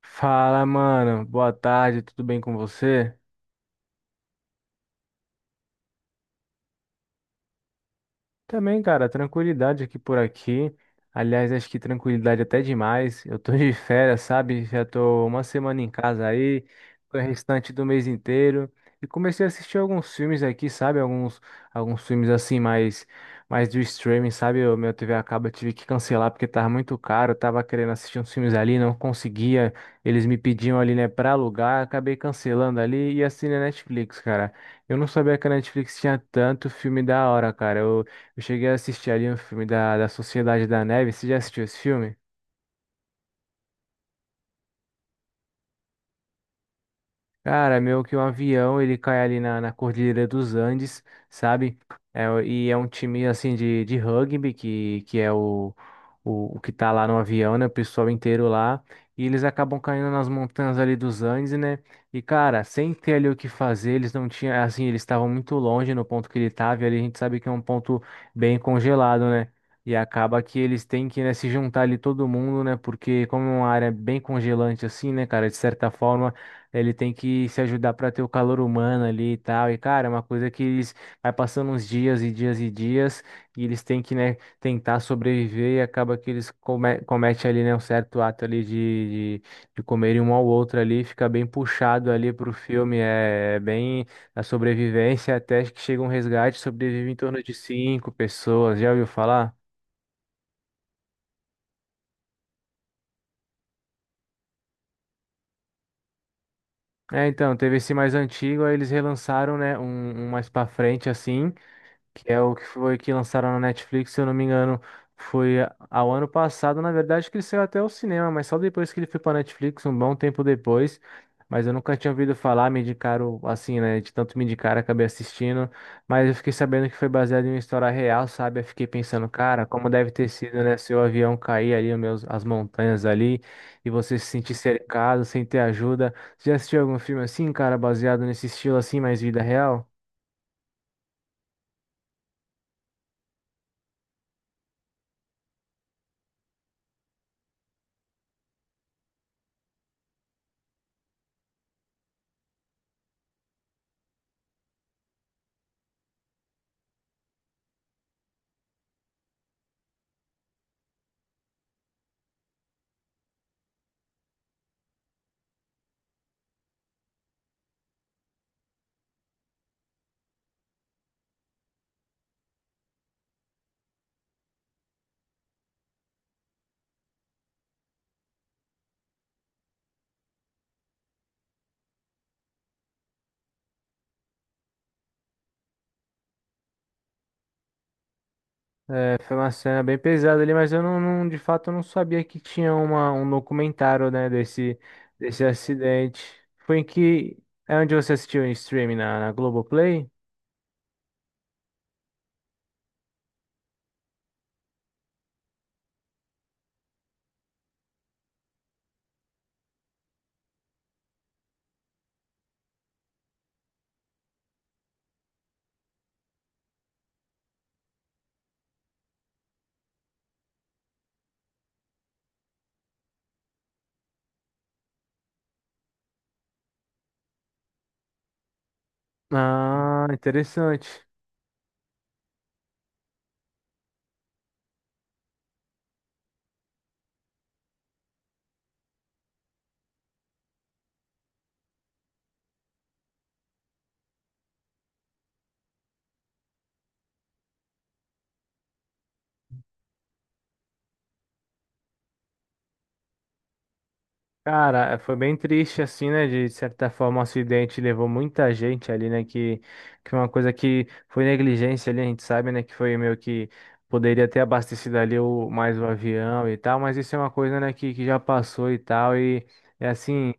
Fala, mano. Boa tarde, tudo bem com você? Também, cara, tranquilidade aqui por aqui. Aliás, acho que tranquilidade até demais. Eu tô de férias, sabe? Já tô uma semana em casa aí, o restante do mês inteiro. E comecei a assistir alguns filmes aqui, sabe? Alguns, alguns filmes assim, mais, mais do streaming, sabe? O meu TV acaba, eu tive que cancelar porque tava muito caro. Eu tava querendo assistir uns filmes ali, não conseguia. Eles me pediam ali, né, pra alugar. Acabei cancelando ali e assinei a Netflix, cara. Eu não sabia que a Netflix tinha tanto filme da hora, cara. Eu cheguei a assistir ali um filme da Sociedade da Neve. Você já assistiu esse filme? Cara, meu que o avião ele cai ali na Cordilheira dos Andes, sabe? É, e é um time assim de rugby que é o que tá lá no avião, né? O pessoal inteiro lá. E eles acabam caindo nas montanhas ali dos Andes, né? E cara, sem ter ali o que fazer, eles não tinham, assim, eles estavam muito longe no ponto que ele tava, e ali a gente sabe que é um ponto bem congelado, né? E acaba que eles têm que, né, se juntar ali todo mundo, né? Porque como é uma área bem congelante assim, né, cara, de certa forma. Ele tem que se ajudar para ter o calor humano ali e tal. E, cara, é uma coisa que eles vai passando uns dias e dias e dias, e eles têm que, né, tentar sobreviver e acaba que eles cometem ali, né, um certo ato ali de comerem um ao outro ali, fica bem puxado ali pro filme, é bem a sobrevivência até que chega um resgate, sobrevive em torno de cinco pessoas, já ouviu falar? É, então, teve esse mais antigo, aí eles relançaram, né, um mais pra frente, assim, que é o que foi que lançaram na Netflix, se eu não me engano, foi ao ano passado, na verdade, que ele saiu até o cinema, mas só depois que ele foi pra Netflix, um bom tempo depois. Mas eu nunca tinha ouvido falar, me indicaram assim, né? De tanto me indicar, acabei assistindo. Mas eu fiquei sabendo que foi baseado em uma história real, sabe? Eu fiquei pensando, cara, como deve ter sido, né? Seu avião cair ali, os meus, as montanhas ali, e você se sentir cercado, sem ter ajuda. Você já assistiu algum filme assim, cara, baseado nesse estilo assim, mais vida real? É, foi uma cena bem pesada ali, mas eu de fato eu não sabia que tinha uma, um documentário, né, desse, desse acidente. Foi em que. É onde você assistiu em streaming na Globoplay? Ah, interessante. Cara, é, foi bem triste assim, né? De certa forma, o acidente levou muita gente ali, né? Que uma coisa que foi negligência ali, a gente sabe, né? Que foi meio que poderia ter abastecido ali o, mais o avião e tal, mas isso é uma coisa, né? Que já passou e tal. E assim,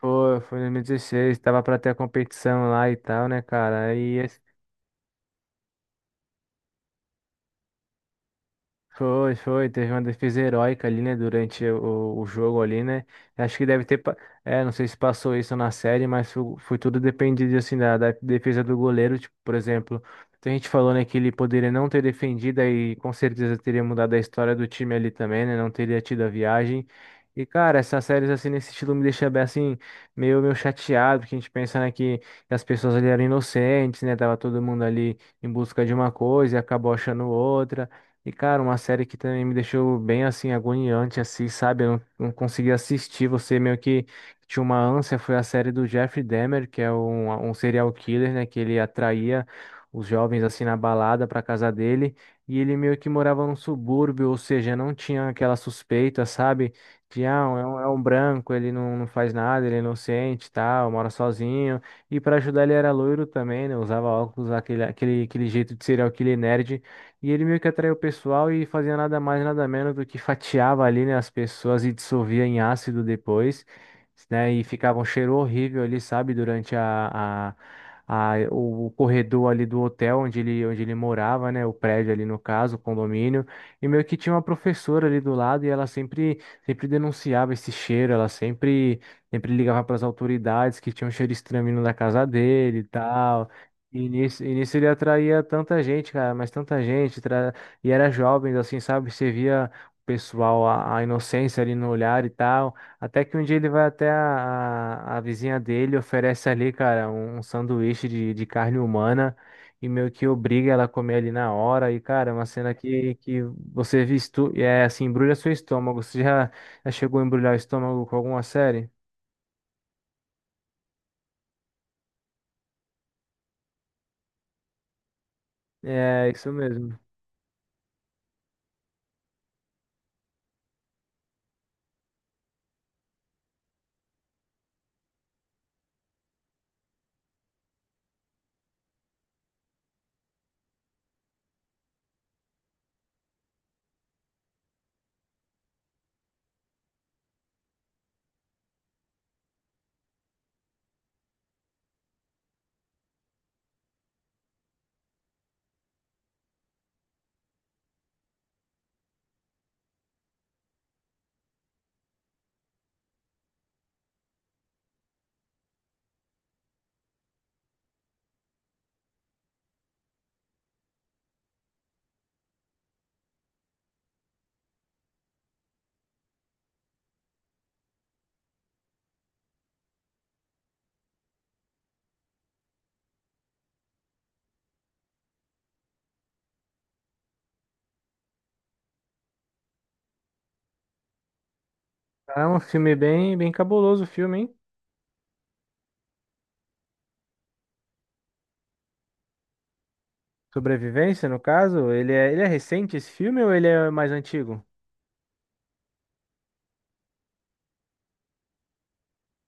foi em 2016, tava pra ter a competição lá e tal, né, cara? E foi, teve uma defesa heróica ali, né, durante o jogo ali, né, acho que deve ter, é, não sei se passou isso na série, mas foi, foi tudo dependido, assim, da defesa do goleiro, tipo, por exemplo, a gente falou, né, que ele poderia não ter defendido e com certeza teria mudado a história do time ali também, né, não teria tido a viagem, e, cara, essas séries, assim, nesse estilo me deixa bem, assim, meio, meio chateado, porque a gente pensa, né, que as pessoas ali eram inocentes, né, tava todo mundo ali em busca de uma coisa e acabou achando outra, e, cara, uma série que também me deixou bem assim, agoniante, assim, sabe? Eu não consegui assistir. Você meio que tinha uma ânsia. Foi a série do Jeffrey Dahmer, que é um serial killer, né? Que ele atraía os jovens assim na balada pra casa dele. E ele meio que morava num subúrbio, ou seja, não tinha aquela suspeita, sabe? De, ah, é um branco, ele não faz nada, ele é inocente, e tal, mora sozinho. E pra ajudar ele era loiro também, né? Usava óculos, aquele jeito de serial killer nerd. E ele meio que atraiu o pessoal e fazia nada mais, nada menos do que fatiava ali, né, as pessoas e dissolvia em ácido depois, né, e ficava um cheiro horrível ali, sabe, durante o corredor ali do hotel onde ele morava, né, o prédio ali no caso, o condomínio, e meio que tinha uma professora ali do lado e ela sempre, sempre denunciava esse cheiro, ela sempre, sempre ligava para as autoridades que tinha um cheiro estranho vindo da casa dele e tal. E nisso ele atraía tanta gente, cara, mas tanta gente, e era jovem, assim, sabe? Você via o pessoal, a inocência ali no olhar e tal. Até que um dia ele vai até a vizinha dele, oferece ali, cara, um sanduíche de carne humana e meio que obriga ela a comer ali na hora. E, cara, é uma cena que você visto, é assim, embrulha seu estômago. Você já, já chegou a embrulhar o estômago com alguma série? É, isso mesmo. É um filme bem, bem cabuloso o filme, hein? Sobrevivência, no caso? Ele é recente esse filme ou ele é mais antigo?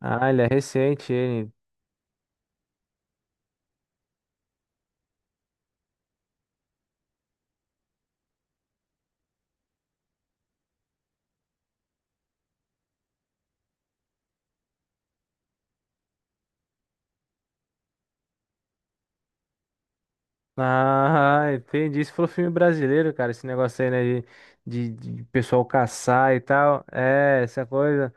Ah, ele é recente, ele. Ah, entendi. Isso foi filme brasileiro, cara. Esse negócio aí, né? De, de, de pessoal caçar e tal. É, essa coisa.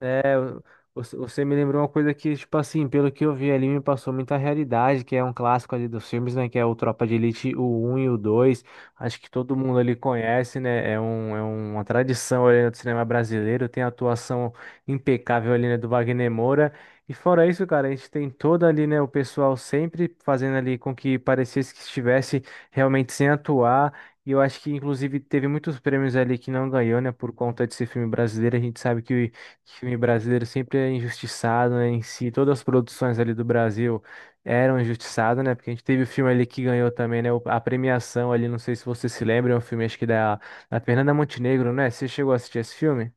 É, você me lembrou uma coisa que, tipo assim, pelo que eu vi ali, me passou muita realidade, que é um clássico ali dos filmes, né? Que é o Tropa de Elite, o um e o 2. Acho que todo mundo ali conhece, né? É, um, é uma tradição ali no cinema brasileiro, tem a atuação impecável ali, né, do Wagner Moura. E fora isso, cara, a gente tem todo ali, né, o pessoal sempre fazendo ali com que parecesse que estivesse realmente sem atuar. E eu acho que, inclusive, teve muitos prêmios ali que não ganhou, né, por conta desse filme brasileiro. A gente sabe que filme brasileiro sempre é injustiçado, né? Em si, todas as produções ali do Brasil eram injustiçadas, né? Porque a gente teve o filme ali que ganhou também, né? A premiação ali, não sei se você se lembra, é um filme acho que da Fernanda Montenegro, né? Você chegou a assistir esse filme?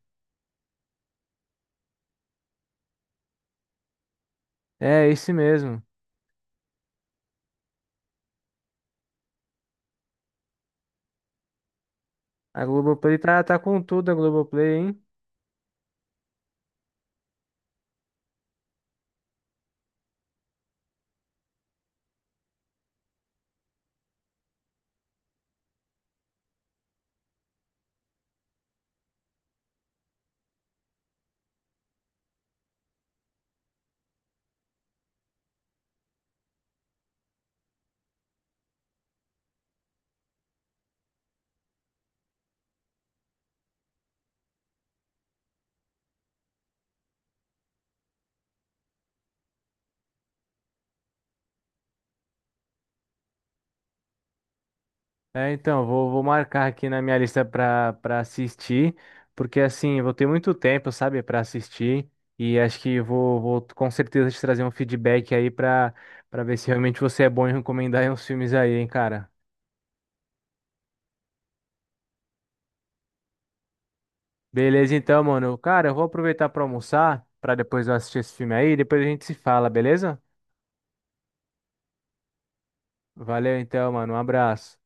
É, esse mesmo. A Globoplay tá, tá com tudo, a Globoplay, hein? É, então, vou, vou marcar aqui na minha lista para para assistir, porque assim, eu vou ter muito tempo, sabe, para assistir, e acho que vou, vou com certeza te trazer um feedback aí para para ver se realmente você é bom em recomendar aí uns filmes aí, hein, cara. Beleza, então, mano. Cara, eu vou aproveitar para almoçar, para depois eu assistir esse filme aí, e depois a gente se fala, beleza? Valeu então, mano. Um abraço.